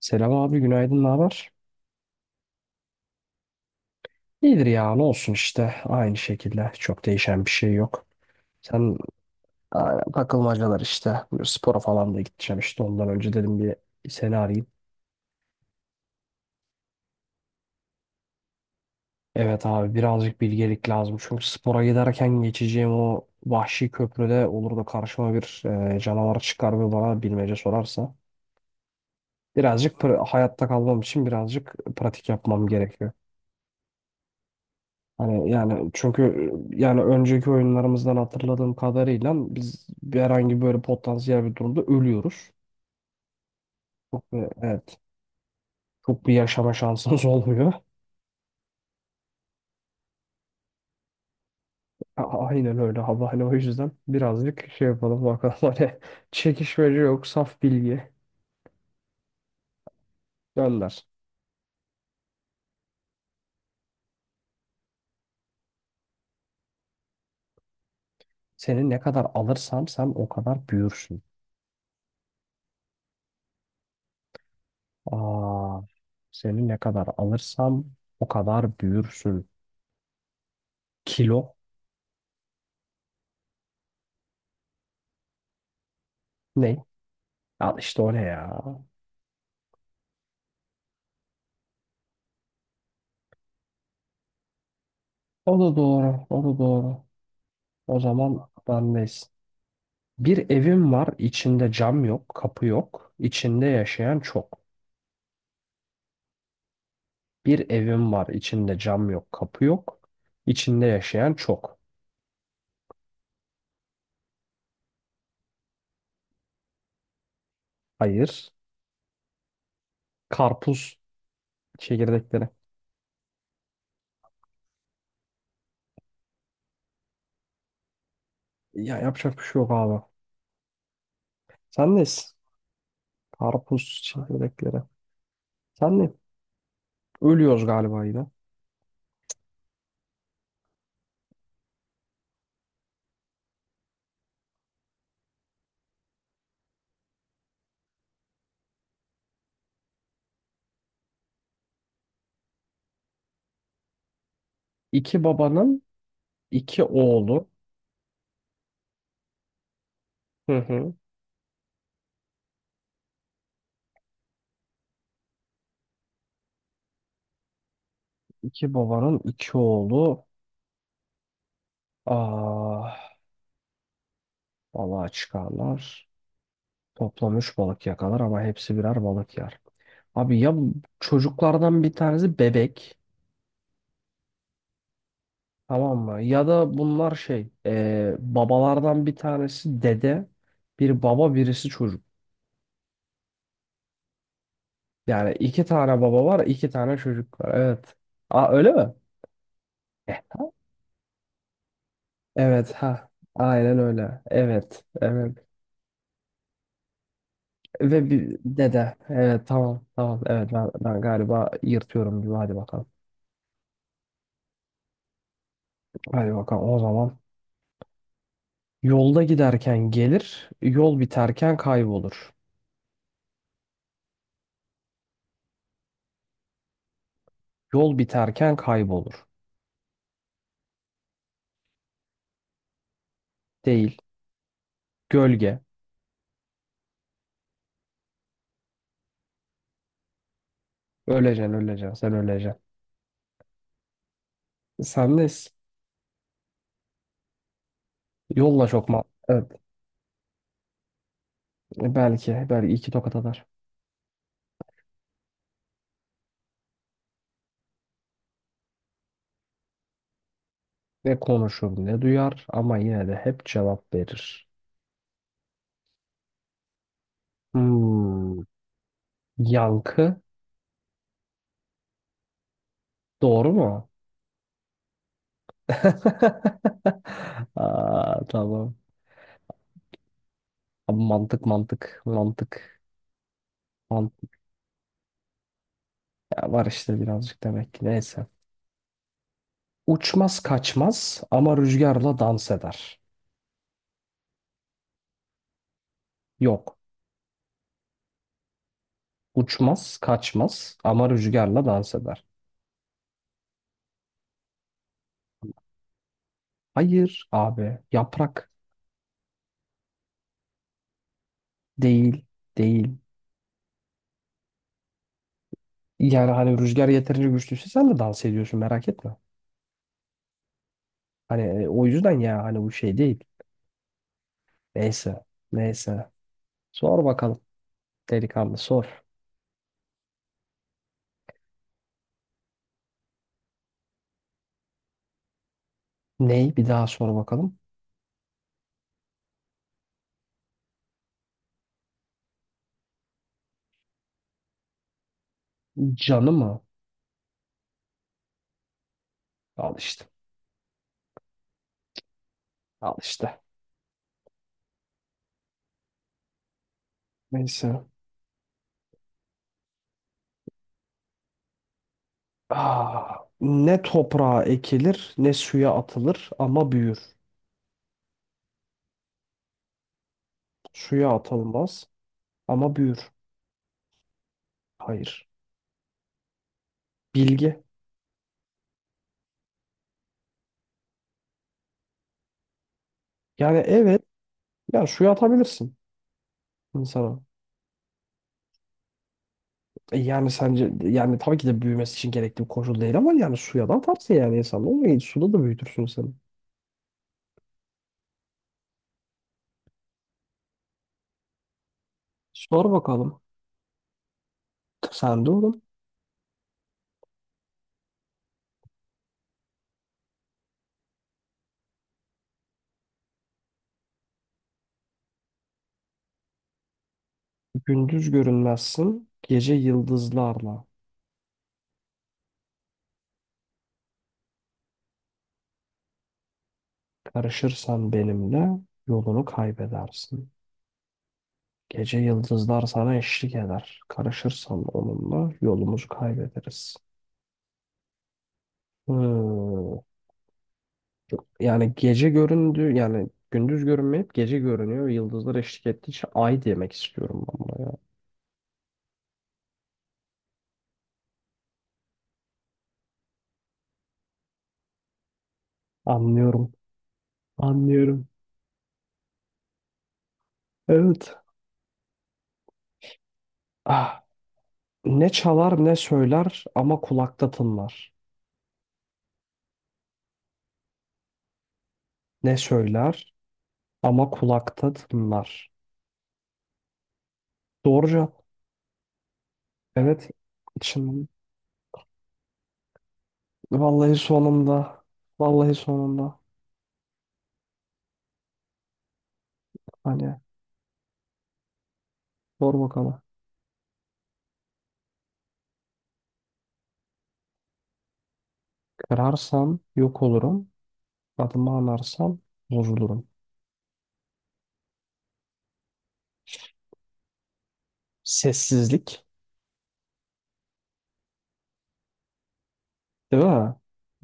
Selam abi, günaydın, ne haber? İyidir ya, ne olsun işte, aynı şekilde çok değişen bir şey yok. Sen aynen, takılmacalar işte. Bu spora falan da gideceğim işte, ondan önce dedim bir seni arayayım. Evet abi, birazcık bilgelik lazım çünkü spora giderken geçeceğim o vahşi köprüde olur da karşıma bir canavar çıkar ve bana bilmece sorarsa hayatta kalmam için birazcık pratik yapmam gerekiyor. Hani yani çünkü yani önceki oyunlarımızdan hatırladığım kadarıyla biz herhangi böyle potansiyel bir durumda ölüyoruz. Çok bir, evet Çok bir yaşama şansımız olmuyor. A- Aynen öyle abi, hani o yüzden birazcık şey yapalım bakalım. Hani çekişmece yok, saf bilgi gönder. Seni ne kadar alırsam sen o kadar büyürsün. Aa, seni ne kadar alırsam o kadar büyürsün. Kilo ne? Al işte, o ne ya? O da doğru, o da doğru. O zaman bendeyiz. Bir evim var, içinde cam yok, kapı yok. İçinde yaşayan çok. Bir evim var, içinde cam yok, kapı yok. İçinde yaşayan çok. Hayır. Karpuz çekirdekleri. Ya yapacak bir şey yok abi. Sendeyiz. Karpuz çekirdekleri. Sen ne? Ölüyoruz galiba yine. İki babanın iki oğlu. Hı hı. İki babanın iki oğlu. Ah, balığa çıkarlar. Toplam 3 balık yakalar ama hepsi birer balık yer. Abi ya, bu çocuklardan bir tanesi bebek, tamam mı? Ya da bunlar babalardan bir tanesi dede, bir baba, birisi çocuk. Yani iki tane baba var, iki tane çocuk var. Evet. Aa, öyle mi? Eh, Evet ha. Aynen öyle. Evet. Evet. Ve bir dede. Evet, tamam. Tamam. Evet, ben galiba yırtıyorum gibi. Hadi bakalım. Hadi bakalım. O zaman yolda giderken gelir, yol biterken kaybolur. Yol biterken kaybolur. Değil. Gölge. Öleceksin, öleceksin, sen öleceksin. Sen de s- yolla çok mal. Evet, belki, belki iki tokat atar. Ne konuşur, ne duyar ama yine de hep cevap verir. Hmm. Yankı. Doğru mu? Aa, tamam. Abi mantık, mantık, mantık. Mantık Ya var işte birazcık, demek ki. Neyse. Uçmaz kaçmaz ama rüzgarla dans eder. Yok. Uçmaz kaçmaz ama rüzgarla dans eder. Hayır abi. Yaprak. Değil. Değil. Yani hani rüzgar yeterince güçlüyse sen de dans ediyorsun, merak etme. Hani o yüzden ya, hani bu şey değil. Neyse. Neyse. Sor bakalım. Delikanlı sor. Ney? Bir daha sor bakalım. Canı mı? Al işte. Al işte. Neyse. Ah, ne toprağa ekilir, ne suya atılır ama büyür. Suya atılmaz ama büyür. Hayır. Bilgi. Yani evet. Ya suya atabilirsin insana. E yani, sence yani tabii ki de büyümesi için gerekli bir koşul değil ama yani suya da atarsın yani insan. Olmayı suda da büyütürsün seni. Sor bakalım. Sen de oğlum. Gündüz görünmezsin. Gece yıldızlarla. Karışırsan benimle yolunu kaybedersin. Gece yıldızlar sana eşlik eder. Karışırsan onunla yolumuzu kaybederiz. Hmm. Yani gece göründü, yani gündüz görünmeyip gece görünüyor. Yıldızlar eşlik ettiği için ay demek istiyorum ben buna ya. Anlıyorum. Anlıyorum. Evet. Ah, ne çalar, ne söyler ama kulakta tınlar. Ne söyler ama kulakta tınlar. Doğru cevap. Evet. Şimdi vallahi sonunda. Vallahi sonunda. Hani sor bakalım. Kırarsam yok olurum. Adımı anarsam bozulurum. Sessizlik. Değil mi?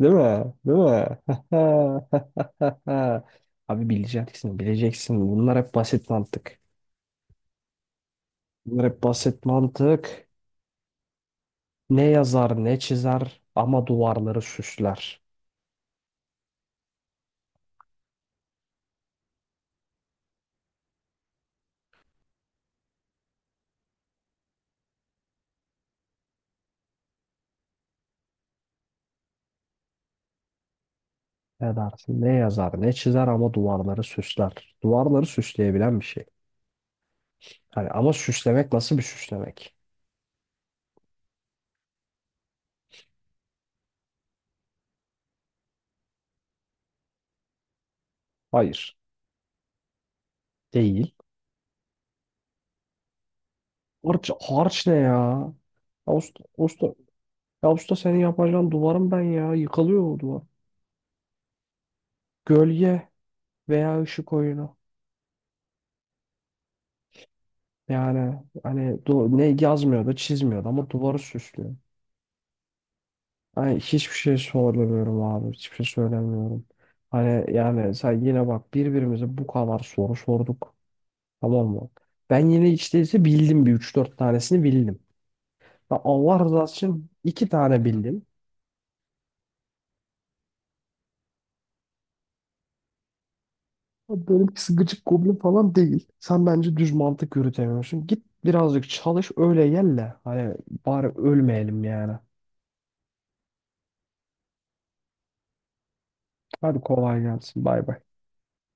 Değil mi? Değil mi? Abi bileceksin, bileceksin. Bunlar hep basit mantık. Bunlar hep basit mantık. Ne yazar, ne çizer ama duvarları süsler. Ne dersin? Ne yazar, ne çizer ama duvarları süsler. Duvarları süsleyebilen bir şey. Hani ama süslemek, nasıl bir süslemek? Hayır, değil. Harç, harç ne ya? Ya usta, usta, ya usta, senin yapacağın duvarım ben ya. Yıkılıyor o duvar. Gölge. Veya ışık oyunu. Yani ne yazmıyordu, çizmiyordu ama duvarı süslüyor. Hani hiçbir şey sormuyorum abi, hiçbir şey söylemiyorum. Hani yani sen yine bak, birbirimize bu kadar soru sorduk. Tamam mı? Ben yine hiç değilse bildim, bir üç dört tanesini bildim. Ben Allah rızası için iki tane bildim. Ama benimkisi gıcık goblin falan değil. Sen bence düz mantık yürütemiyorsun. Git birazcık çalış öyle gel de. Hani bari ölmeyelim yani. Hadi kolay gelsin. Bay bay.